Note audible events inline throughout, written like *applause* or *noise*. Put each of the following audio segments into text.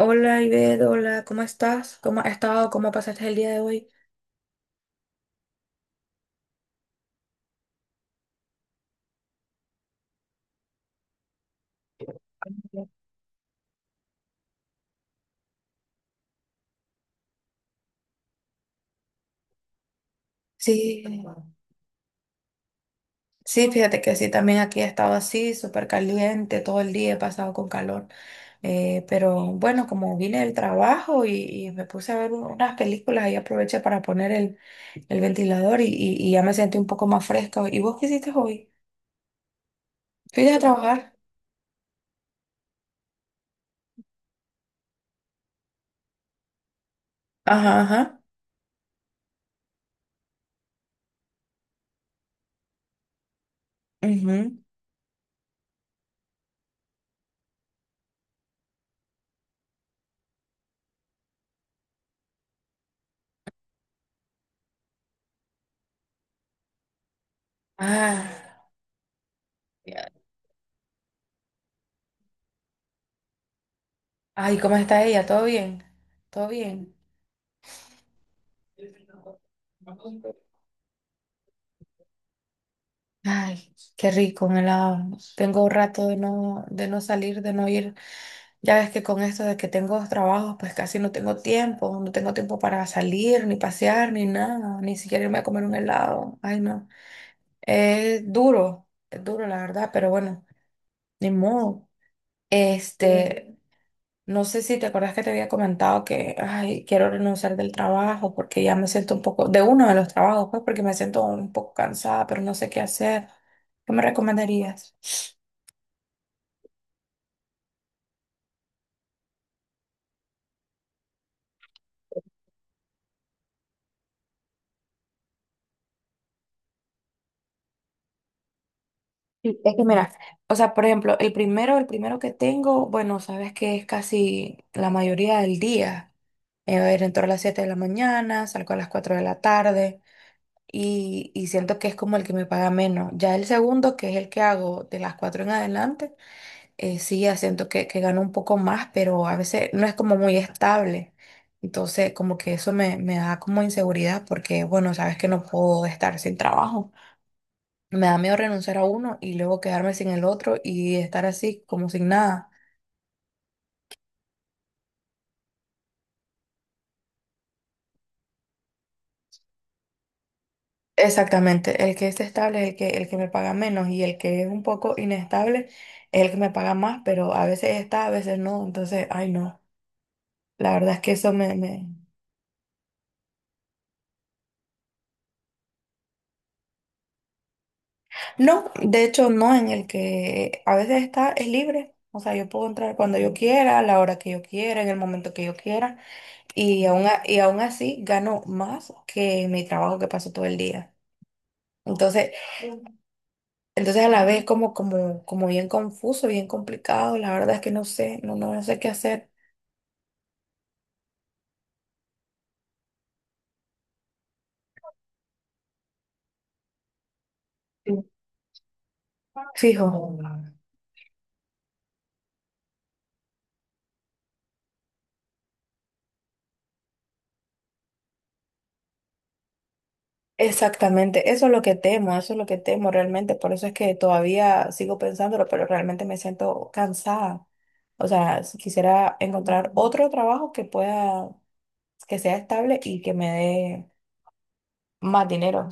Hola, Ivette, hola, ¿cómo estás? ¿Cómo has estado? ¿Cómo pasaste el día de hoy? Sí, sí, fíjate que sí, también aquí he estado así, súper caliente, todo el día he pasado con calor. Pero bueno, como vine del trabajo y me puse a ver unas películas y aproveché para poner el ventilador y ya me sentí un poco más fresca. ¿Y vos qué hiciste hoy? ¿Fuiste a trabajar? Ajá, ajá. Ujú. Ah, ya. Ay, ¿cómo está ella? ¿Todo bien? ¿Todo bien? Ay, qué rico, un helado. Tengo un rato de no salir, de no ir. Ya ves que con esto de que tengo dos trabajos, pues casi no tengo tiempo, no tengo tiempo para salir, ni pasear, ni nada, ni siquiera irme a comer un helado. Ay, no. Es duro, la verdad, pero bueno, ni modo. Este, no sé si te acuerdas que te había comentado que, ay, quiero renunciar del trabajo porque ya me siento un poco, de uno de los trabajos, pues porque me siento un poco cansada, pero no sé qué hacer. ¿Qué me recomendarías? Sí, es que mira, o sea, por ejemplo, el primero que tengo, bueno, sabes que es casi la mayoría del día. A ver, entro a las 7 de la mañana, salgo a las 4 de la tarde y siento que es como el que me paga menos. Ya el segundo, que es el que hago de las 4 en adelante, sí, ya siento que gano un poco más, pero a veces no es como muy estable. Entonces, como que eso me da como inseguridad porque, bueno, sabes que no puedo estar sin trabajo. Me da miedo renunciar a uno y luego quedarme sin el otro y estar así como sin nada. Exactamente, el que es estable es el que me paga menos y el que es un poco inestable es el que me paga más, pero a veces está, a veces no. Entonces, ay no, la verdad es que eso me. No, de hecho no, en el que a veces está es libre. O sea, yo puedo entrar cuando yo quiera, a la hora que yo quiera, en el momento que yo quiera y aún así gano más que en mi trabajo que paso todo el día. Entonces, entonces a la vez como bien confuso, bien complicado, la verdad es que no sé, no, no, no sé qué hacer. Fijo. Exactamente, eso es lo que temo, eso es lo que temo realmente, por eso es que todavía sigo pensándolo, pero realmente me siento cansada. O sea, si quisiera encontrar otro trabajo que pueda, que sea estable y que me dé más dinero.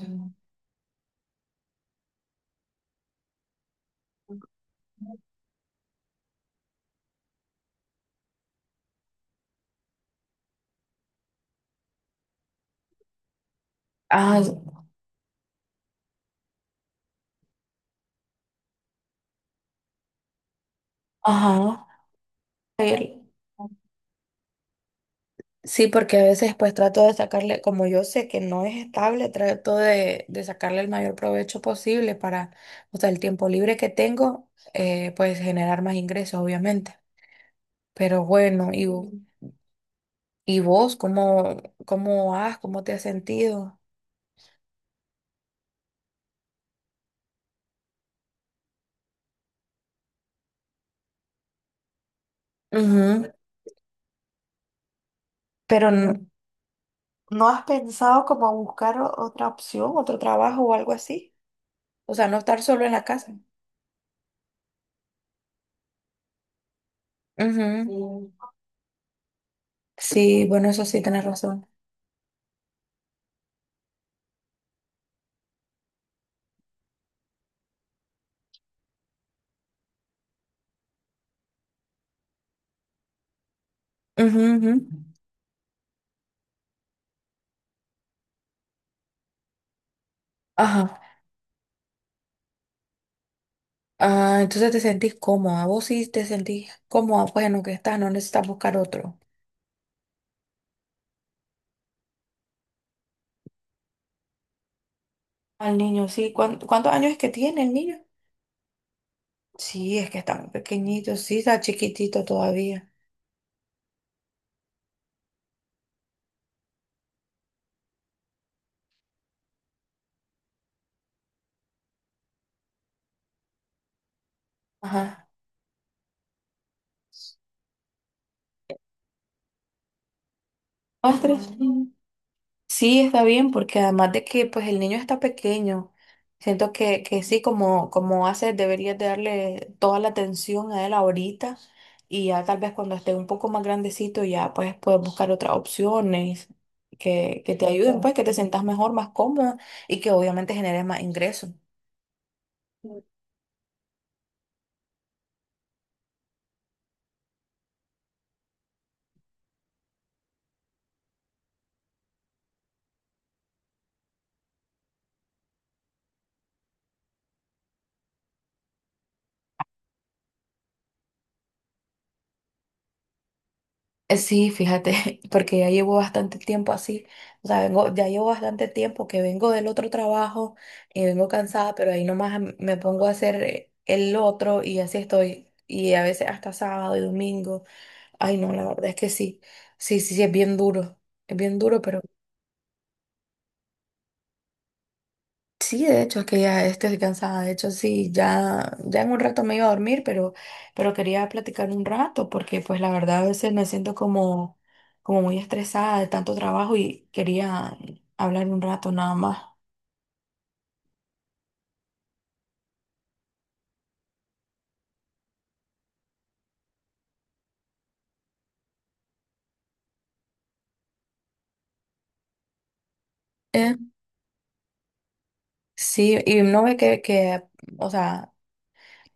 Ah, ajá. Sí, porque a veces pues trato de sacarle, como yo sé que no es estable, trato de sacarle el mayor provecho posible para, o sea, el tiempo libre que tengo, pues generar más ingresos, obviamente. Pero bueno. Ujú. ¿Y vos cómo te has sentido? Ujú. Pero no, ¿no has pensado como buscar otra opción, otro trabajo o algo así? O sea, no estar solo en la casa. Ujú. Sí, bueno, eso sí, tenés razón. Ujú, ujú. Ajá. Ah, entonces te sentís cómoda. Vos sí te sentís cómoda, bueno, que estás, no necesitas buscar otro. Al niño, sí. ¿Cuántos años es que tiene el niño? Sí, es que está muy pequeñito, sí, está chiquitito todavía. Ajá. ¿Más tres? Sí, está bien, porque además de que pues el niño está pequeño, siento que sí, como, como hace, deberías de darle toda la atención a él ahorita y ya tal vez cuando esté un poco más grandecito ya pues puedes buscar otras opciones que te ayuden, pues que te sientas mejor, más cómoda y que obviamente generes más ingresos. Sí, fíjate, *laughs* porque ya llevo bastante tiempo así, o sea, vengo, ya llevo bastante tiempo que vengo del otro trabajo y vengo cansada, pero ahí nomás me pongo a hacer el otro y así estoy, y a veces hasta sábado y domingo, ay no, la verdad es que sí, sí, sí, sí, es bien duro, pero... Sí, de hecho, es que ya estoy cansada. De hecho, sí, ya, ya en un rato me iba a dormir, pero quería platicar un rato porque, pues, la verdad, a veces me siento como, como muy estresada de tanto trabajo y quería hablar un rato nada más. Eh, sí, y no ve que, o sea,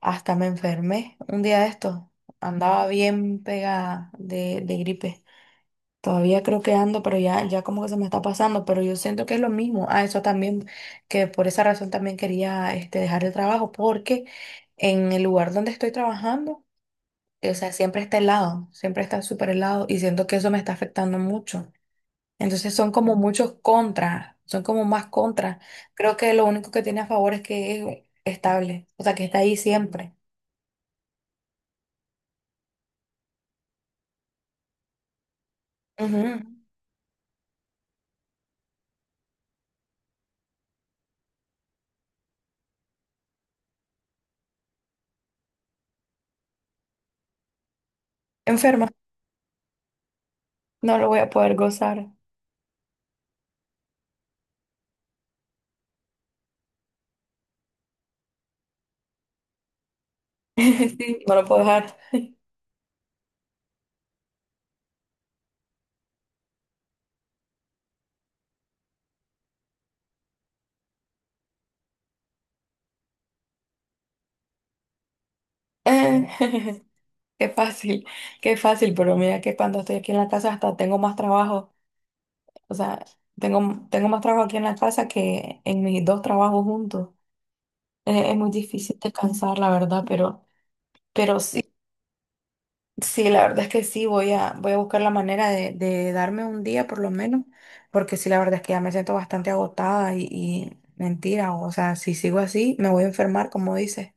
hasta me enfermé un día de esto. Andaba bien pegada de gripe. Todavía creo que ando, pero ya, ya como que se me está pasando, pero yo siento que es lo mismo. Ah, eso también, que por esa razón también quería este, dejar el trabajo, porque en el lugar donde estoy trabajando, o sea, siempre está helado, siempre está súper helado y siento que eso me está afectando mucho. Entonces son como muchos contras, son como más contras. Creo que lo único que tiene a favor es que es estable, o sea, que está ahí siempre. Ujú. Enferma, no lo voy a poder gozar. *laughs* Sí, no lo puedo dejar. *laughs* Qué fácil, qué fácil, pero mira que cuando estoy aquí en la casa hasta tengo más trabajo, o sea, tengo más trabajo aquí en la casa que en mis dos trabajos juntos. Es muy difícil descansar, la verdad, pero sí, sí, la verdad es que sí, voy a buscar la manera de darme un día por lo menos, porque sí, la verdad es que ya me siento bastante agotada y mentira, o sea, si sigo así, me voy a enfermar, como dices.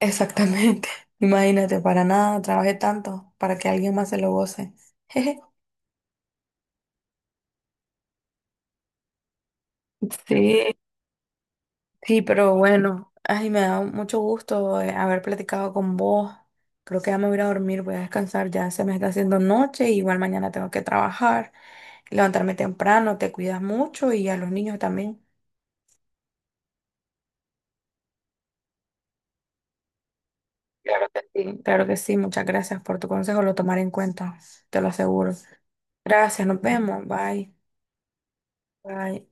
Exactamente, *laughs* imagínate, para nada, trabajé tanto para que alguien más se lo goce. *laughs* Sí, sí, pero bueno, ay, me da mucho gusto haber platicado con vos. Creo que ya me voy a ir a dormir, voy a descansar, ya se me está haciendo noche, igual mañana tengo que trabajar, levantarme temprano, te cuidas mucho y a los niños también. Claro que sí. Claro que sí, muchas gracias por tu consejo, lo tomaré en cuenta, te lo aseguro. Gracias, nos vemos, bye, bye.